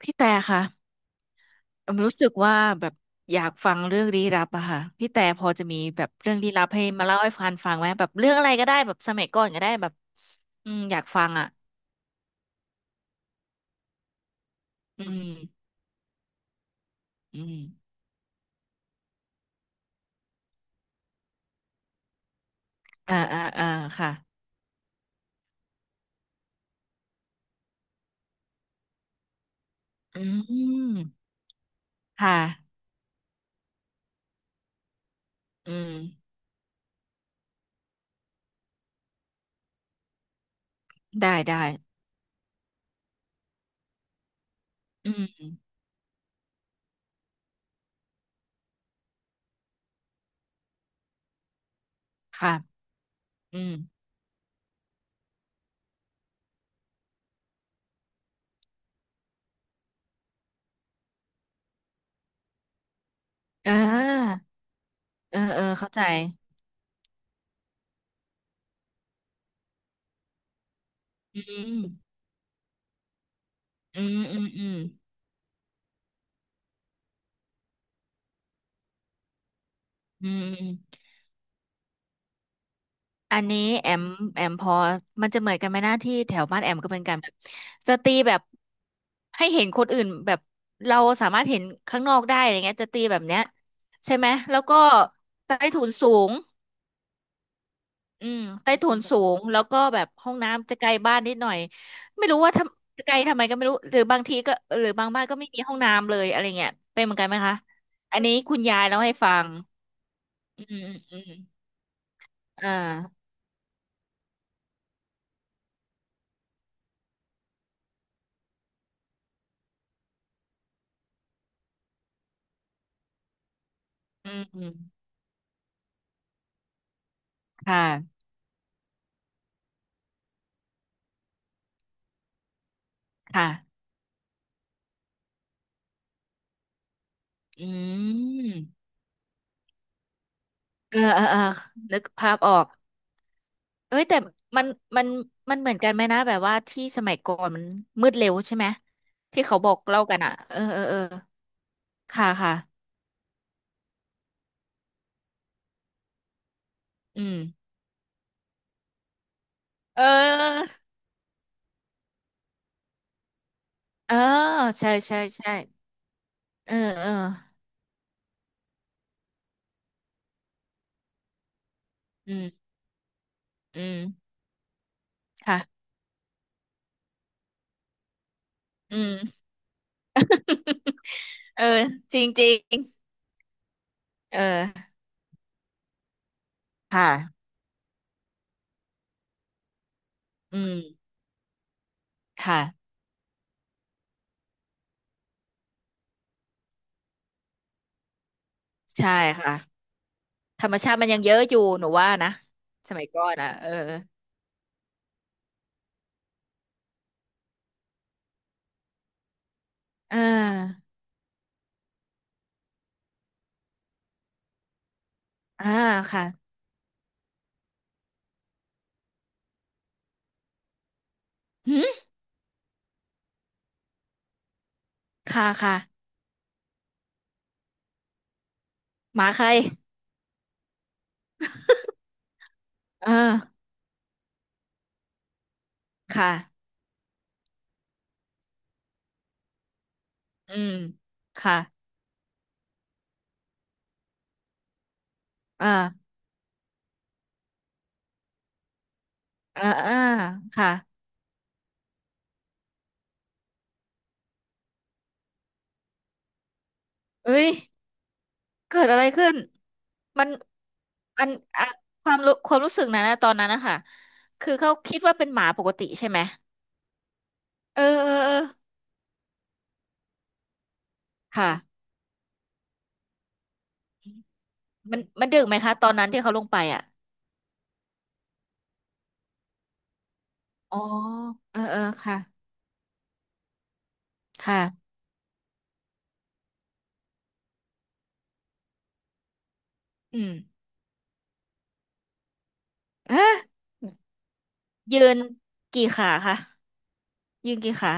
พี่แต่ค่ะอมรู้สึกว่าแบบอยากฟังเรื่องลี้ลับอะค่ะพี่แต่พอจะมีแบบเรื่องลี้ลับให้มาเล่าให้ฟันฟังไหมแบบเรื่องอะไรก็ได้แบบสมัยก่อนก็ได้แบบอืมอยากฟังอะอืมอืมอ่าอ่าอ่าค่ะอืมค่ะอืมได้ได้อืมค่ะอืมเออเออเออเข้าใจอืมอืมอืมอืมอืม อันนี้แอมแอมพอมันจะเหมือนกันไหมหน้าที่แถวบ้านแอมก็เป็นการแบบจะตีแบบให้เห็นคนอื่นแบบเราสามารถเห็นข้างนอกได้อะไรเงี้ยจะตีแบบเนี้ยใช่ไหมแล้วก็ใต้ถุนสูงอืมใต้ถุนสูงแล้วก็แบบห้องน้ำจะไกลบ้านนิดหน่อยไม่รู้ว่าทำไกลทำไมก็ไม่รู้หรือบางทีก็หรือบางบ้านก็ไม่มีห้องน้ำเลยอะไรเงี้ยเป็นเหมือนกันไหมคะอันนี้คุณยายเล่าให้ฟังอืมอืมอืมอ่าอืมอืมค่ะค่ะ อืมเออเออเออนึกภาพออกเอ้ยแต่มันมันมันเหมือนกันไหมนะแบบว่าที่สมัยก่อนมันมืดเร็วใช่ไหมที่เขาบอกเล่ากันอ่ะเออเออเออค่ะค่ะอืมเออเออใช่ใช่ใช่เออเอออืมอืมค่ะอืม เออจริงจริงเออค่ะอืมค่ะ ใช่ค่ะธรรมชาติมันยังเยอะอยู่หนูว่านะสมัยก่อนอ่ะเออเอออ่าค่ะ หืมค่ะค่ะหมาใครเออค่ะอืมค่ะเอ่าอ่าอ่าค่ะเอ้ยเกิดอะไรขึ้นมันอันอะความรู้ความรู้สึกนั้นนะตอนนั้นนะคะคือเขาคิดว่าเป็นหมาปกติใช่ไหมเออเออเออค่ะมันดึกไหมคะตอนนั้นที่เขาลงไปอ่ะอ๋อเออเออค่ะค่ะอืมเอ๊ะยืนกี่ขาคะยืนกี่ขา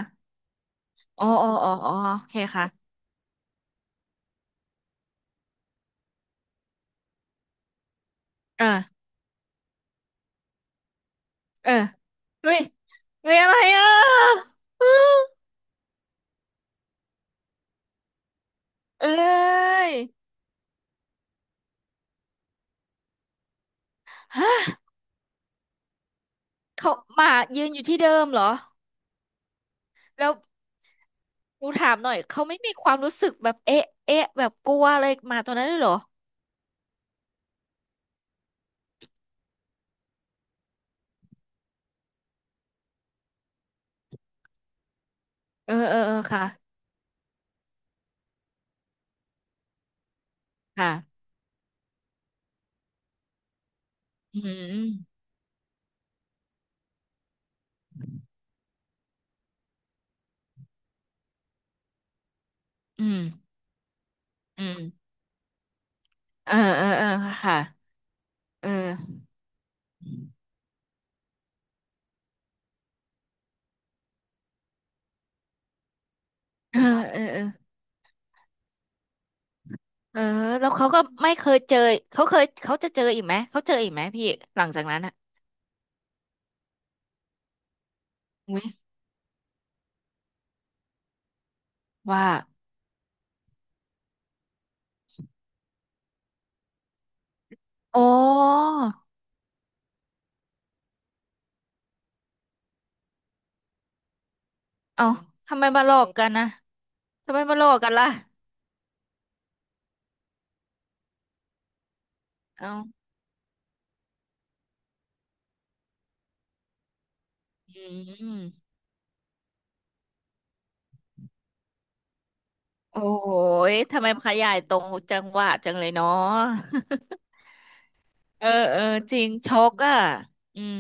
อ๋ออ๋ออ๋ออ๋อโอเคค่ะเออ เออเฮ้ยเฮ้ยอะไรอ่ะอื้อเอ้ยฮะเขาหมายืนอยู่ที่เดิมเหรอแล้วหนูถามหน่อยเขาไม่มีความรู้สึกแบบเอ๊ะเอ๊ะแบบกลัวอะไรหมาตัวนั้นเลยเหรอเออเออเออค่ะค่ะอืมอืมอืมเออเออเออค่ะเออเออเออเออเออแล้วเขาก็ไม่เคยเจอเขาจะเจออีกไหมเขาเจออีกไหมพี่หลังจากนั้นอ่ะอุ้ยว่าอ๋อ เอ้าทำไมมาหลอกกันนะทำไมมาหลอกกันล่ะเอ้าอืมโอ้ย ทำไมขยายตรงจังหวะจังเลยเนาะ เออเออ จริง ช็อกอ่ะอืม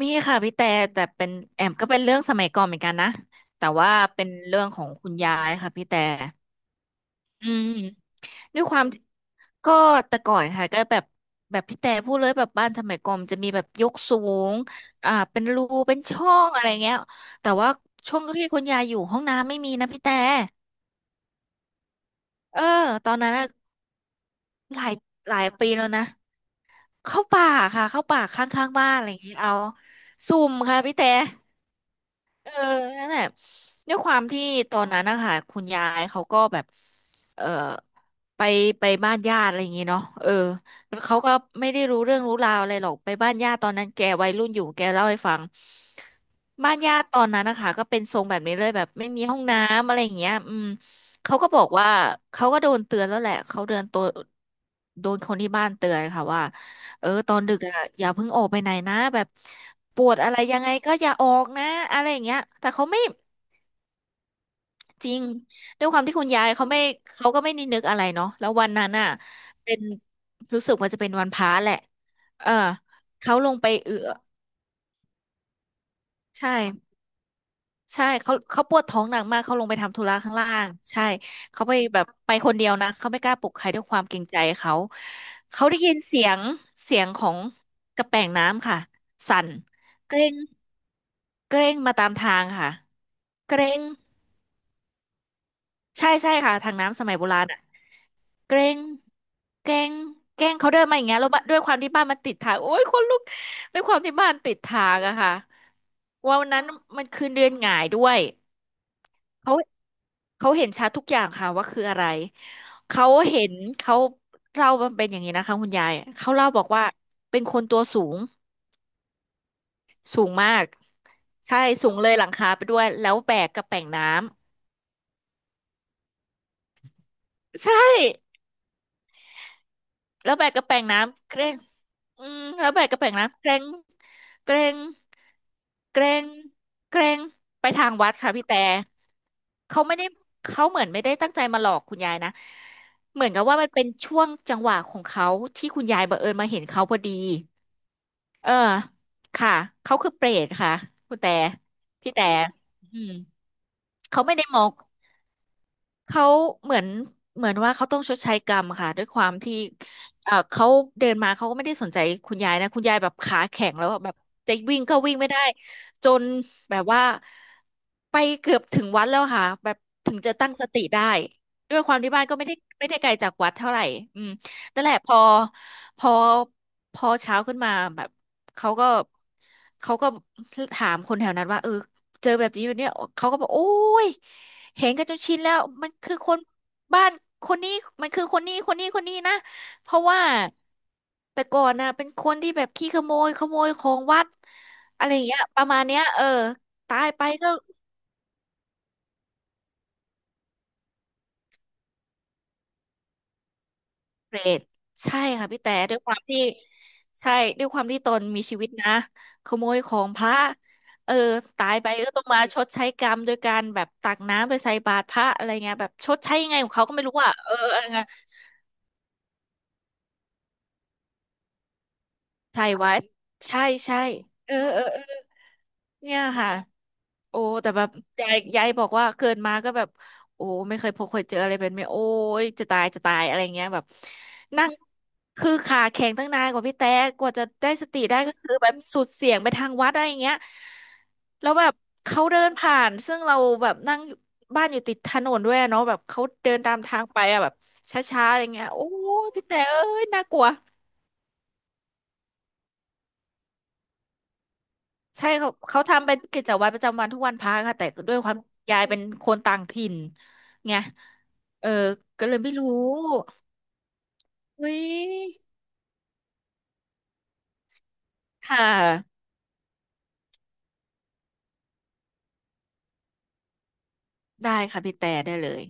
มีค่ะพี่แต่แต่เป็นแอมก็เป็นเรื่องสมัยก่อนเหมือนกันนะ แต่ว่าเป็นเรื่องของคุณยายค่ะพี่แต่อืม ด้วยความที่ก็แต่ก่อนค่ะก็แบบแบบพี่แต่พูดเลยแบบบ้านสมัยก่อนมันจะมีแบบยกสูงอ่าเป็นรูเป็นช่องอะไรเงี้ยแต่ว่าช่วงที่คุณยายอยู่ห้องน้ำไม่มีนะพี่แต่เออตอนนั้นน่ะหลายหลายปีแล้วนะเข้าป่าค่ะเข้าป่าข้างๆบ้านอะไรอย่างเงี้ยเอาสุ่มค่ะพี่แต่ เออนั่นแหละด้วยความที่ตอนนั้นนะคะคุณยายเขาก็แบบเออไปไปบ้านญาติอะไรอย่างงี้เนาะเออแล้วเขาก็ไม่ได้รู้เรื่องรู้ราวอะไรหรอกไปบ้านญาติตอนนั้นแกวัยรุ่นอยู่แกเล่าให้ฟังบ้านญาติตอนนั้นนะคะก็เป็นทรงแบบนี้เลยแบบไม่มีห้องน้ำอะไรอย่างเงี้ยอืมเขาก็บอกว่าเขาก็โดนเตือนแล้วแหละเขาเดินตัวโดนคนที่บ้านเตือนค่ะว่า เออตอนดึกอ่ะอย่าเพิ่งออกไปไหนนะแบบปวดอะไรยังไงก็อย่าออกนะอะไรอย่างเงี้ยแต่เขาไม่จริงด้วยความที่คุณยายเขาไม่เขาก็ไม่นึกอะไรเนาะแล้ววันนั้นอ่ะเป็นรู้สึกว่าจะเป็นวันพระแหละเออเขาลงไปเอือใช่ใช่เขาปวดท้องหนักมากเขาลงไปทำธุระข้างล่างใช่เขาไปแบบไปคนเดียวนะเขาไม่กล้าปลุกใครด้วยความเกรงใจเขาเขาได้ยินเสียงของกระแป่งน้ำค่ะสั่นเกร็ง เกรงมาตามทางค่ะ เกรงใช่ใช่ค่ะทางน้ำสมัยโบราณอ่ะเกรงเกรงเกรงเขาเดินมาอย่างเงี้ยแล้วบ้านด้วยความที่บ้านมันติดทางโอ้ยคนลุกด้วยความที่บ้านติดทางอะค่ะวันนั้นมันคือเดือนหงายด้วยเขาเขาเห็นชัดทุกอย่างค่ะว่าคืออะไรเขาเห็นเขาเล่ามันเป็นอย่างนี้นะคะคุณยายเขาเล่าบอกว่าเป็นคนตัวสูงสูงมากใช่ สูงเลยหลังคาไปด้วย แล้วแบกกระแป่งน้ำ ใช่ แล้วแบกกระแปงน้ำเกรงแล้วแบกกระแปงน้ำเกรงเกรงเกรงไปทางวัดค่ะพี่แต่เขาไม่ได้เขาเหมือนไม่ได้ตั้งใจมาหลอกคุณยายนะ เหมือนกับว่ามันเป็นช่วงจังหวะของเขาที่คุณยายบังเอิญมาเห็นเขาพอดี เออ ค่ะ เขาคือเปรตค่ะคุณแต่ พี่แต่อืมเขาไม่ได้มอง เขาเหมือนเหมือนว่าเขาต้องชดใช้กรรมค่ะด้วยความที่เขาเดินมาเขาก็ไม่ได้สนใจคุณยายนะคุณยายแบบขาแข็งแล้วอะแบบจะวิ่งก็วิ่งไม่ได้จนแบบว่าไปเกือบถึงวัดแล้วค่ะแบบถึงจะตั้งสติได้ด้วยความที่บ้านก็ไม่ได้ไกลจากวัดเท่าไหร่อืมนั่นแหละพอพอเช้าขึ้นมาแบบเขาก็เขาก็ถามคนแถวนั้นว่าเออ เจอแบบนี้แบบเนี้ยเขาก็บอกโอ้ยเห็นกันจนชินแล้วมันคือคนบ้านคนนี้มันคือคนนี้นะเพราะว่าแต่ก่อนนะเป็นคนที่แบบขี้ขโมยขโมยของวัดอะไรอย่างเงี้ยประมาณเนี้ยเออตายไปก็เปรตใช่ค่ะพี่แต่ด้วยความที่ใช่ด้วยความที่ตนมีชีวิตนะขโมยของพระเออตายไปก็ต้องมาชดใช้กรรมโดยการแบบตักน้ำไปใส่บาตรพระอะไรเงี้ยแบบชดใช้ยังไงของเขาก็ไม่รู้อ่ะเอออะไรเอ ไายไวัดใช่ใช่เออเนี่ยค่ะโอ้แต่แบบยายบอกว่าเกินมาก็แบบโอ้ไม่เคยพบเคยเจออะไรเป็นไหมโอ้ยจะตายอะไรเงี้ยแบบนั่งคือขาแข็งตั้งนานกว่าพี่แต่กว่าจะได้สติได้ก็คือแบบสุดเสียงไปทางวัดอะไรเงี้ยแล้วแบบเขาเดินผ่านซึ่งเราแบบนั่งบ้านอยู่ติดถนนด้วยอะเนาะแบบเขาเดินตามทางไปอะแบบช้าๆอะไรเงี้ยโอ้ยพี่แต่เอ้ยน่ากลัว ใช่เขาทำเป็นกิจวัตรประจำวันทุกวันพระค่ะแต่ด้วยความยายเป็นคนต่างถิ่นไงเออก็เลยไม่รู้อุ้ยค่ะได้ค่ะพี่แต่ได้เลย